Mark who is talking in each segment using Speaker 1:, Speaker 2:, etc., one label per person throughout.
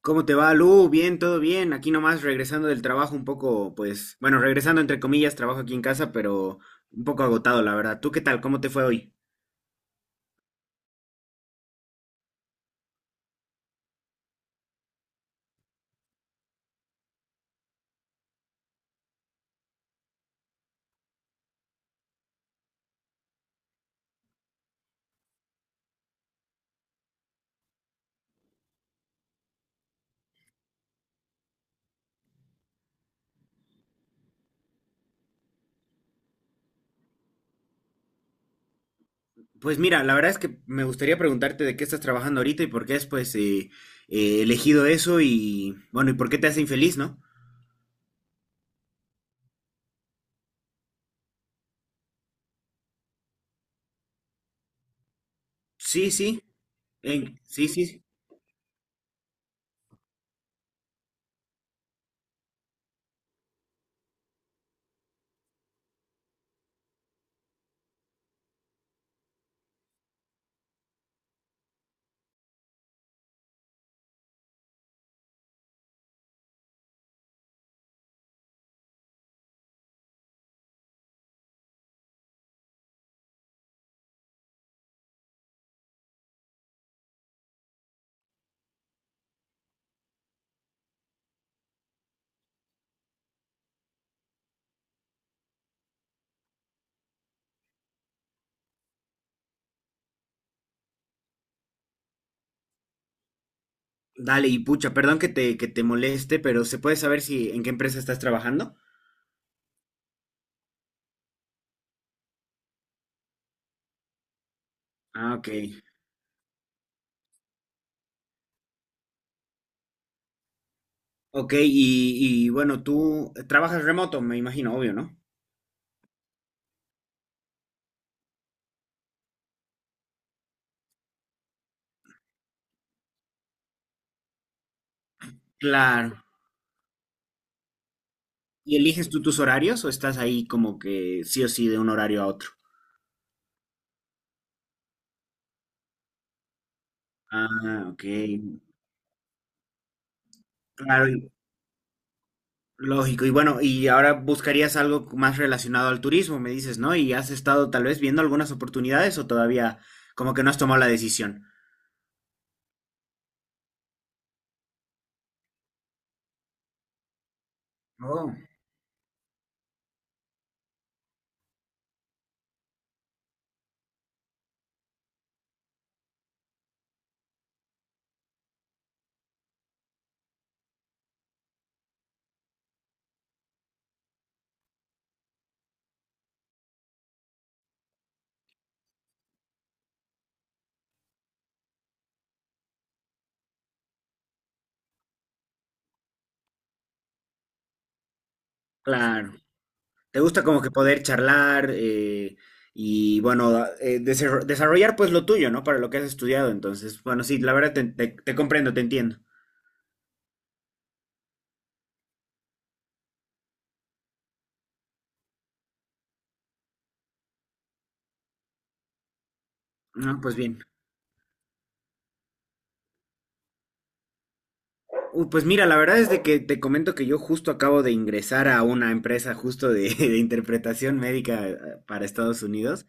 Speaker 1: ¿Cómo te va, Lu? Bien, todo bien. Aquí nomás regresando del trabajo un poco, pues, bueno, regresando entre comillas, trabajo aquí en casa, pero un poco agotado, la verdad. ¿Tú qué tal? ¿Cómo te fue hoy? Pues mira, la verdad es que me gustaría preguntarte de qué estás trabajando ahorita y por qué has, pues, elegido eso y, bueno, y por qué te hace infeliz, ¿no? Sí, sí. Sí, sí. Sí. Dale, y pucha, perdón que te moleste, pero ¿se puede saber si en qué empresa estás trabajando? Ah, ok. Ok, y bueno, tú trabajas remoto, me imagino, obvio, ¿no? Claro. ¿Y eliges tú tus horarios o estás ahí como que sí o sí de un horario a otro? Ah, ok. Claro, lógico. Y bueno, y ahora buscarías algo más relacionado al turismo, me dices, ¿no? ¿Y has estado tal vez viendo algunas oportunidades o todavía como que no has tomado la decisión? Oh, claro. ¿Te gusta como que poder charlar y bueno, desarrollar pues lo tuyo, ¿no? Para lo que has estudiado. Entonces, bueno, sí, la verdad te comprendo, te entiendo. No, pues bien. Pues mira, la verdad es de que te comento que yo justo acabo de ingresar a una empresa justo de, de interpretación médica para Estados Unidos.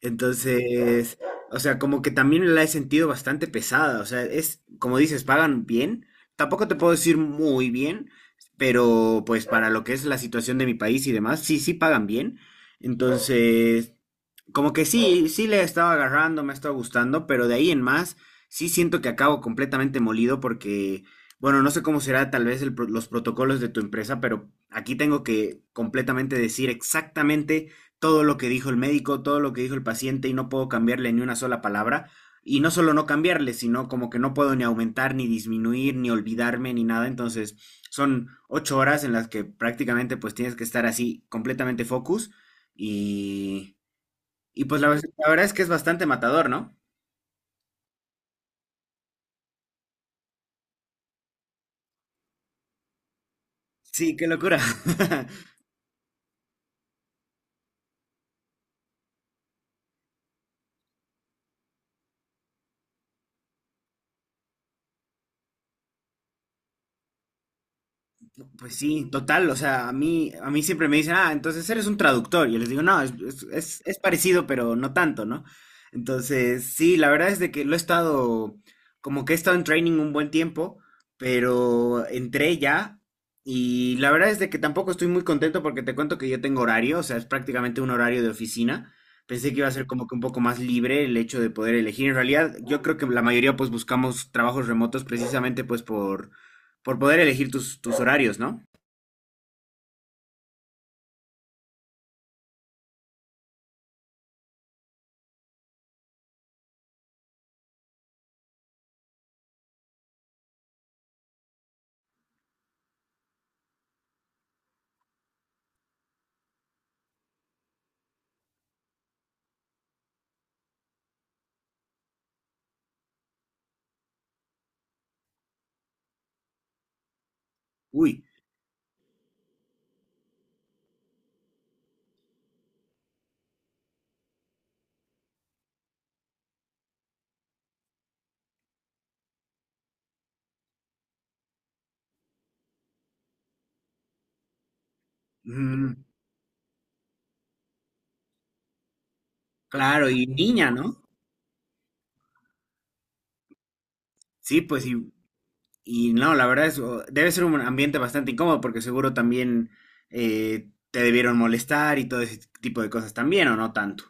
Speaker 1: Entonces, o sea, como que también la he sentido bastante pesada. O sea, es, como dices, pagan bien. Tampoco te puedo decir muy bien, pero pues para lo que es la situación de mi país y demás, sí, sí pagan bien. Entonces, como que sí, sí le estaba agarrando, me ha gustando, pero de ahí en más, sí siento que acabo completamente molido porque, bueno, no sé cómo será tal vez los protocolos de tu empresa, pero aquí tengo que completamente decir exactamente todo lo que dijo el médico, todo lo que dijo el paciente y no puedo cambiarle ni una sola palabra. Y no solo no cambiarle, sino como que no puedo ni aumentar, ni disminuir, ni olvidarme, ni nada. Entonces, son 8 horas en las que prácticamente pues tienes que estar así completamente focus y... Y pues la verdad es que es bastante matador, ¿no? Sí, qué locura. Pues sí, total, o sea, a mí siempre me dicen, ah, entonces eres un traductor. Y yo les digo, no, es parecido, pero no tanto, ¿no? Entonces, sí, la verdad es de que lo he estado, como que he estado en training un buen tiempo, pero entré ya y la verdad es de que tampoco estoy muy contento porque te cuento que yo tengo horario, o sea, es prácticamente un horario de oficina. Pensé que iba a ser como que un poco más libre el hecho de poder elegir. En realidad, yo creo que la mayoría pues buscamos trabajos remotos precisamente pues por poder elegir tus horarios, ¿no? Uy, mm, claro, y niña, ¿no? Sí, pues y no, la verdad es, debe ser un ambiente bastante incómodo porque seguro también te debieron molestar y todo ese tipo de cosas también, ¿o no tanto?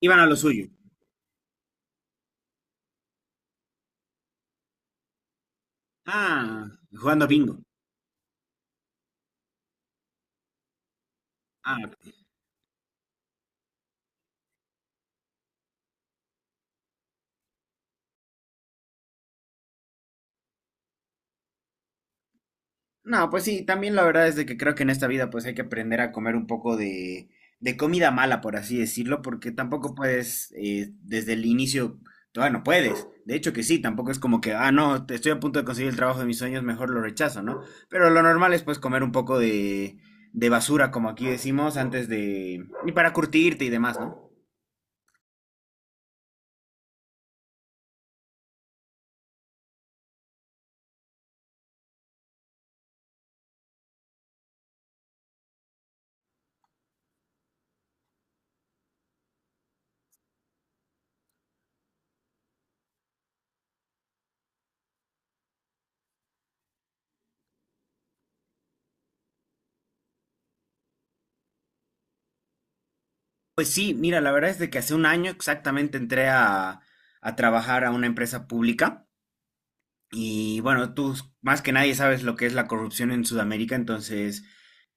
Speaker 1: Iban a lo suyo. Ah, jugando bingo. Ah, no, pues sí, también la verdad es de que creo que en esta vida pues hay que aprender a comer un poco de comida mala, por así decirlo, porque tampoco puedes desde el inicio, todavía no puedes. De hecho que sí, tampoco es como que, ah, no, estoy a punto de conseguir el trabajo de mis sueños, mejor lo rechazo, ¿no? Pero lo normal es pues comer un poco de basura, como aquí decimos, antes de... y para curtirte y demás, ¿no? Pues sí, mira, la verdad es de que hace un año exactamente entré a trabajar a una empresa pública. Y bueno, tú más que nadie sabes lo que es la corrupción en Sudamérica, entonces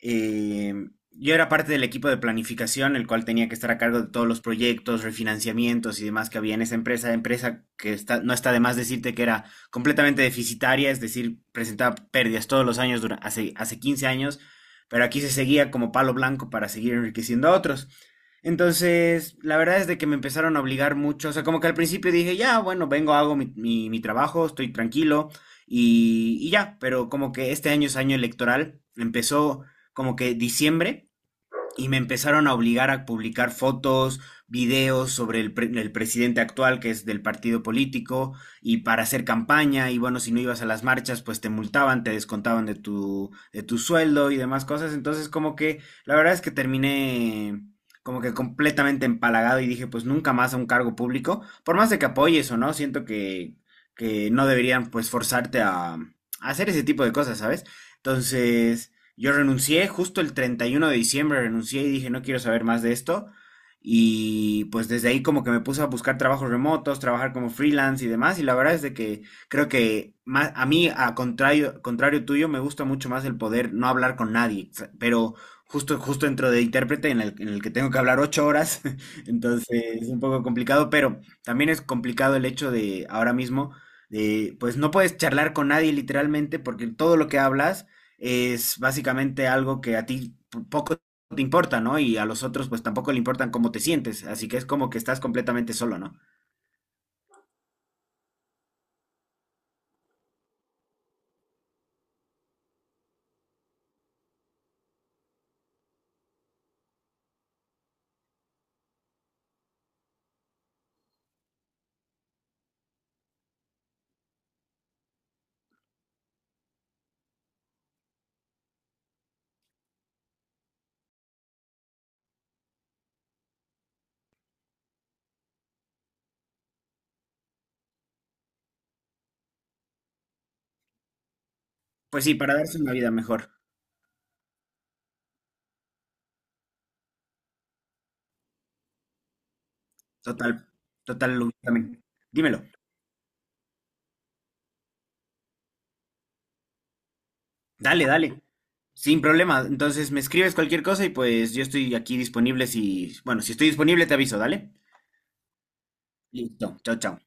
Speaker 1: eh, yo era parte del equipo de planificación, el cual tenía que estar a cargo de todos los proyectos, refinanciamientos y demás que había en esa empresa, empresa que está, no está de más decirte que era completamente deficitaria, es decir, presentaba pérdidas todos los años durante, hace 15 años, pero aquí se seguía como palo blanco para seguir enriqueciendo a otros. Entonces, la verdad es de que me empezaron a obligar mucho, o sea, como que al principio dije, ya, bueno, vengo, hago mi trabajo, estoy tranquilo y ya, pero como que este año es año electoral, empezó como que diciembre y me empezaron a obligar a publicar fotos, videos sobre el presidente actual, que es del partido político, y para hacer campaña, y bueno, si no ibas a las marchas, pues te multaban, te descontaban de tu sueldo y demás cosas. Entonces, como que la verdad es que terminé como que completamente empalagado y dije, pues nunca más a un cargo público, por más de que apoyes o no, siento que no deberían pues forzarte a hacer ese tipo de cosas, ¿sabes? Entonces... Yo renuncié justo el 31 de diciembre, renuncié y dije, no quiero saber más de esto. Y pues desde ahí como que me puse a buscar trabajos remotos, trabajar como freelance y demás. Y la verdad es de que creo que más, a mí, a contrario, contrario tuyo, me gusta mucho más el poder no hablar con nadie. O sea, pero justo dentro de intérprete en en el que tengo que hablar 8 horas, entonces es un poco complicado, pero también es complicado el hecho de ahora mismo, de, pues no puedes charlar con nadie literalmente porque todo lo que hablas es básicamente algo que a ti poco te importa, ¿no? Y a los otros pues tampoco le importan cómo te sientes, así que es como que estás completamente solo, ¿no? Pues sí, para darse una vida mejor, total, total, ubícame. Dímelo, dale, dale, sin problema, entonces me escribes cualquier cosa y pues yo estoy aquí disponible si, bueno, si estoy disponible te aviso, dale. Listo, chao, chao.